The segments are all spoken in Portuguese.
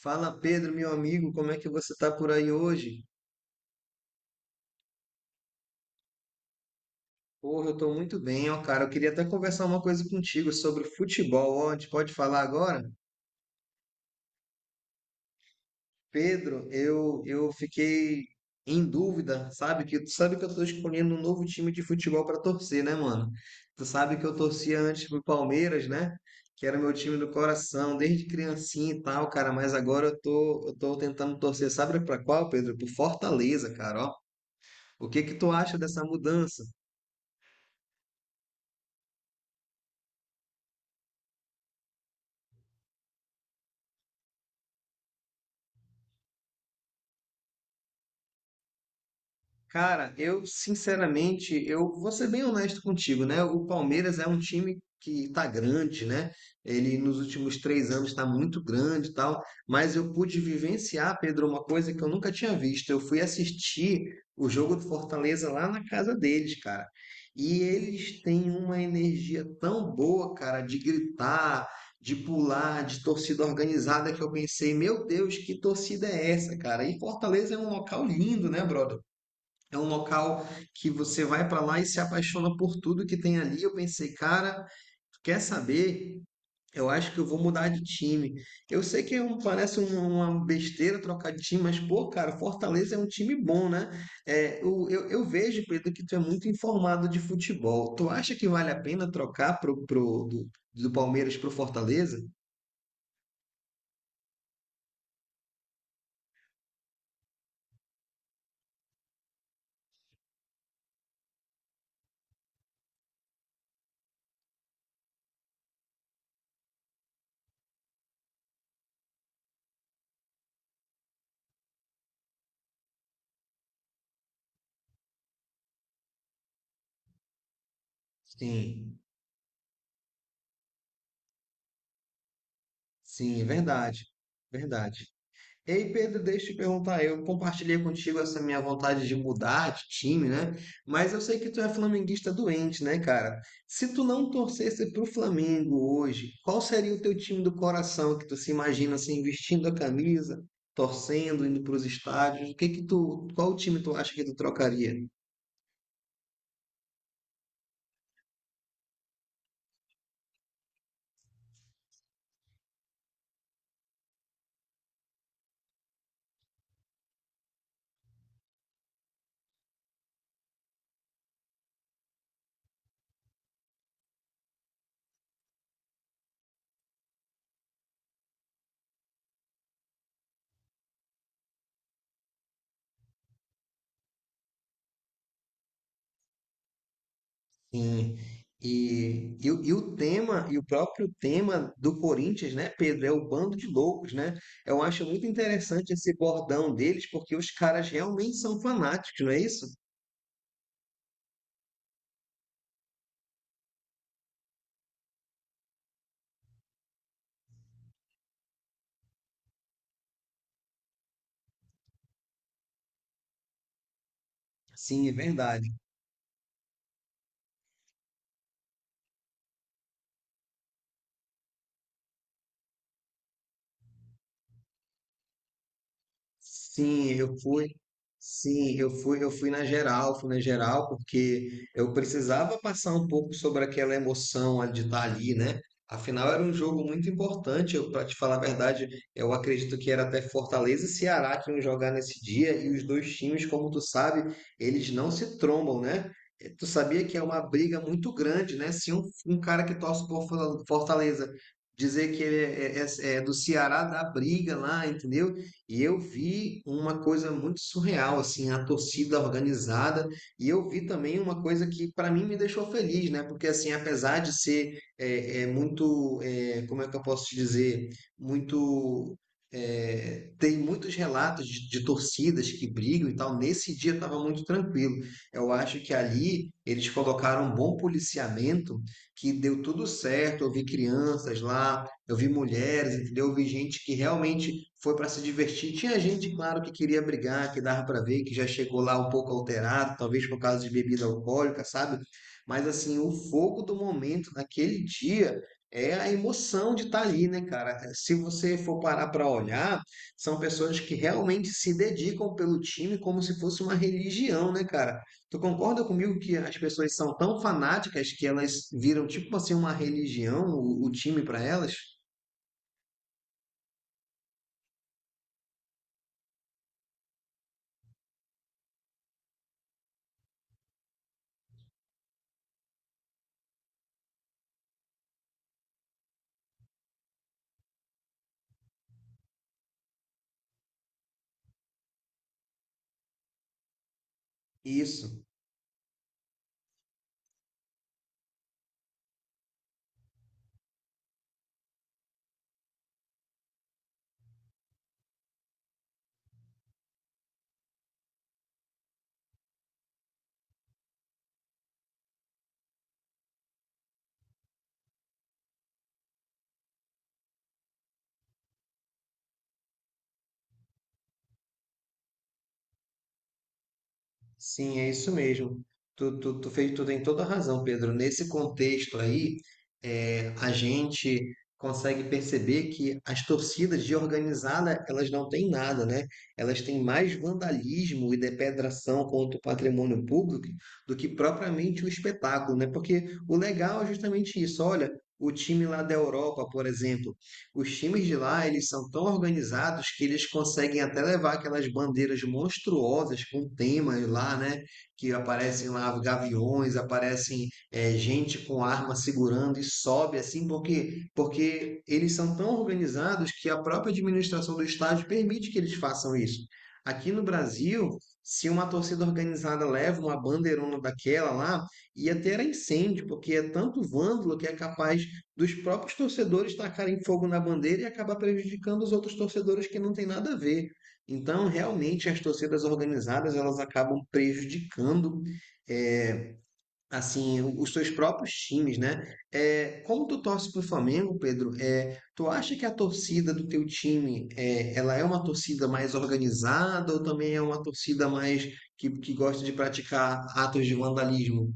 Fala Pedro, meu amigo, como é que você tá por aí hoje? Porra, eu tô muito bem, ó, cara. Eu queria até conversar uma coisa contigo sobre futebol, ó. A gente pode falar agora? Pedro, eu fiquei em dúvida, sabe? Que tu sabe que eu tô escolhendo um novo time de futebol para torcer, né, mano? Tu sabe que eu torcia antes pro Palmeiras, né? Que era meu time do coração, desde criancinha e tal, cara, mas agora eu tô tentando torcer, sabe pra qual, Pedro? Pro Fortaleza, cara, ó. O que que tu acha dessa mudança? Cara, eu sinceramente, eu vou ser bem honesto contigo, né? O Palmeiras é um time que tá grande, né? Ele nos últimos 3 anos está muito grande e tal, mas eu pude vivenciar, Pedro, uma coisa que eu nunca tinha visto. Eu fui assistir o jogo do Fortaleza lá na casa deles, cara. E eles têm uma energia tão boa, cara, de gritar, de pular, de torcida organizada, que eu pensei, meu Deus, que torcida é essa, cara? E Fortaleza é um local lindo, né, brother? É um local que você vai para lá e se apaixona por tudo que tem ali. Eu pensei, cara, quer saber? Eu acho que eu vou mudar de time. Eu sei que parece uma besteira trocar de time, mas, pô, cara, Fortaleza é um time bom, né? É, eu vejo, Pedro, que tu é muito informado de futebol. Tu acha que vale a pena trocar do Palmeiras pro Fortaleza? Sim, sim, é verdade. Verdade. Ei, Pedro, deixa eu te perguntar. Eu compartilhei contigo essa minha vontade de mudar de time, né? Mas eu sei que tu é flamenguista doente, né, cara? Se tu não torcesse pro Flamengo hoje, qual seria o teu time do coração que tu se imagina assim, vestindo a camisa, torcendo, indo pros estádios? O que que tu, qual time tu acha que tu trocaria? Sim. E o próprio tema do Corinthians, né, Pedro, é o bando de loucos, né? Eu acho muito interessante esse bordão deles, porque os caras realmente são fanáticos, não é isso? Sim, é verdade. Sim, eu fui. Sim, eu fui na geral, porque eu precisava passar um pouco sobre aquela emoção de estar ali, né? Afinal, era um jogo muito importante. Eu, para te falar a verdade, eu acredito que era até Fortaleza e Ceará que iam jogar nesse dia, e os dois times, como tu sabe, eles não se trombam, né? Tu sabia que é uma briga muito grande, né? Se um cara que torce por Fortaleza dizer que ele é do Ceará, dá briga lá, entendeu? E eu vi uma coisa muito surreal, assim, a torcida organizada. E eu vi também uma coisa que, para mim, me deixou feliz, né? Porque, assim, apesar de ser como é que eu posso te dizer, muito. Tem muitos relatos de torcidas que brigam e tal. Nesse dia estava muito tranquilo. Eu acho que ali eles colocaram um bom policiamento que deu tudo certo. Eu vi crianças lá, eu vi mulheres, entendeu? Eu vi gente que realmente foi para se divertir. Tinha gente, claro, que queria brigar, que dava para ver, que já chegou lá um pouco alterado, talvez por causa de bebida alcoólica, sabe? Mas assim, o fogo do momento naquele dia é a emoção de estar ali, né, cara? Se você for parar para olhar, são pessoas que realmente se dedicam pelo time como se fosse uma religião, né, cara? Tu concorda comigo que as pessoas são tão fanáticas que elas viram tipo assim uma religião, o time para elas? Isso, sim, é isso mesmo. Tu tem toda a razão, Pedro. Nesse contexto aí, a gente consegue perceber que as torcidas de organizada, elas não têm nada, né? Elas têm mais vandalismo e depredação contra o patrimônio público do que propriamente o espetáculo, né? Porque o legal é justamente isso. Olha, o time lá da Europa, por exemplo, os times de lá, eles são tão organizados que eles conseguem até levar aquelas bandeiras monstruosas com temas lá, né? Que aparecem lá gaviões, aparecem gente com arma segurando e sobe assim, porque eles são tão organizados que a própria administração do estádio permite que eles façam isso. Aqui no Brasil, se uma torcida organizada leva uma bandeirona daquela lá, ia ter incêndio, porque é tanto vândalo que é capaz dos próprios torcedores tacarem fogo na bandeira e acabar prejudicando os outros torcedores que não tem nada a ver. Então, realmente, as torcidas organizadas elas acabam prejudicando é, assim os seus próprios times, né? É, como tu torce para o Flamengo, Pedro, tu acha que a torcida do teu time ela é uma torcida mais organizada ou também é uma torcida mais que gosta de praticar atos de vandalismo?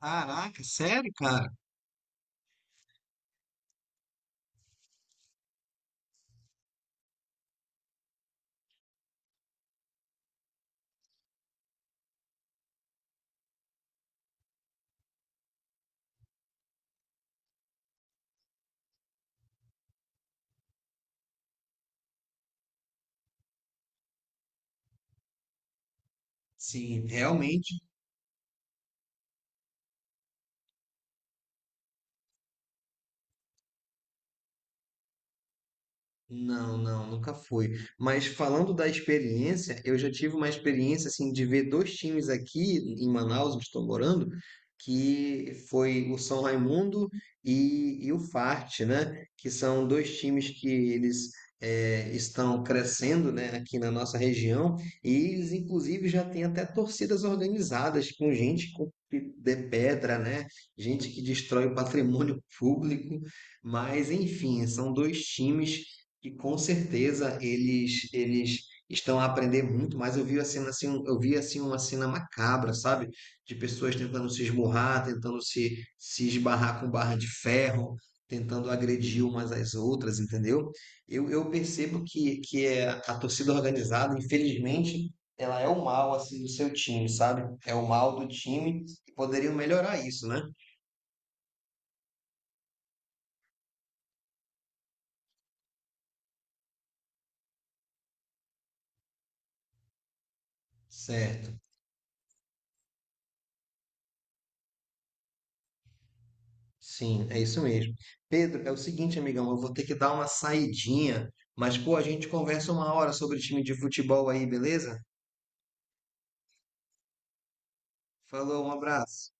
Caraca, sério, cara? Sim, realmente. Não, não, nunca fui. Mas falando da experiência, eu já tive uma experiência assim de ver dois times aqui em Manaus, onde estou morando, que foi o São Raimundo e o FART, né? Que são dois times que eles estão crescendo, né, aqui na nossa região, e eles inclusive já têm até torcidas organizadas com gente com de pedra, né? Gente que destrói o patrimônio público, mas enfim, são dois times que com certeza eles estão a aprender muito mais. Eu vi a cena assim, eu vi assim uma cena macabra, sabe? De pessoas tentando se esmurrar, tentando se esbarrar com barra de ferro, tentando agredir umas às outras, entendeu? Eu percebo que é a torcida organizada, infelizmente, ela é o mal assim do seu time, sabe? É o mal do time e poderiam melhorar isso, né? Certo. Sim, é isso mesmo. Pedro, é o seguinte, amigão, eu vou ter que dar uma saidinha, mas pô, a gente conversa uma hora sobre time de futebol aí, beleza? Falou, um abraço.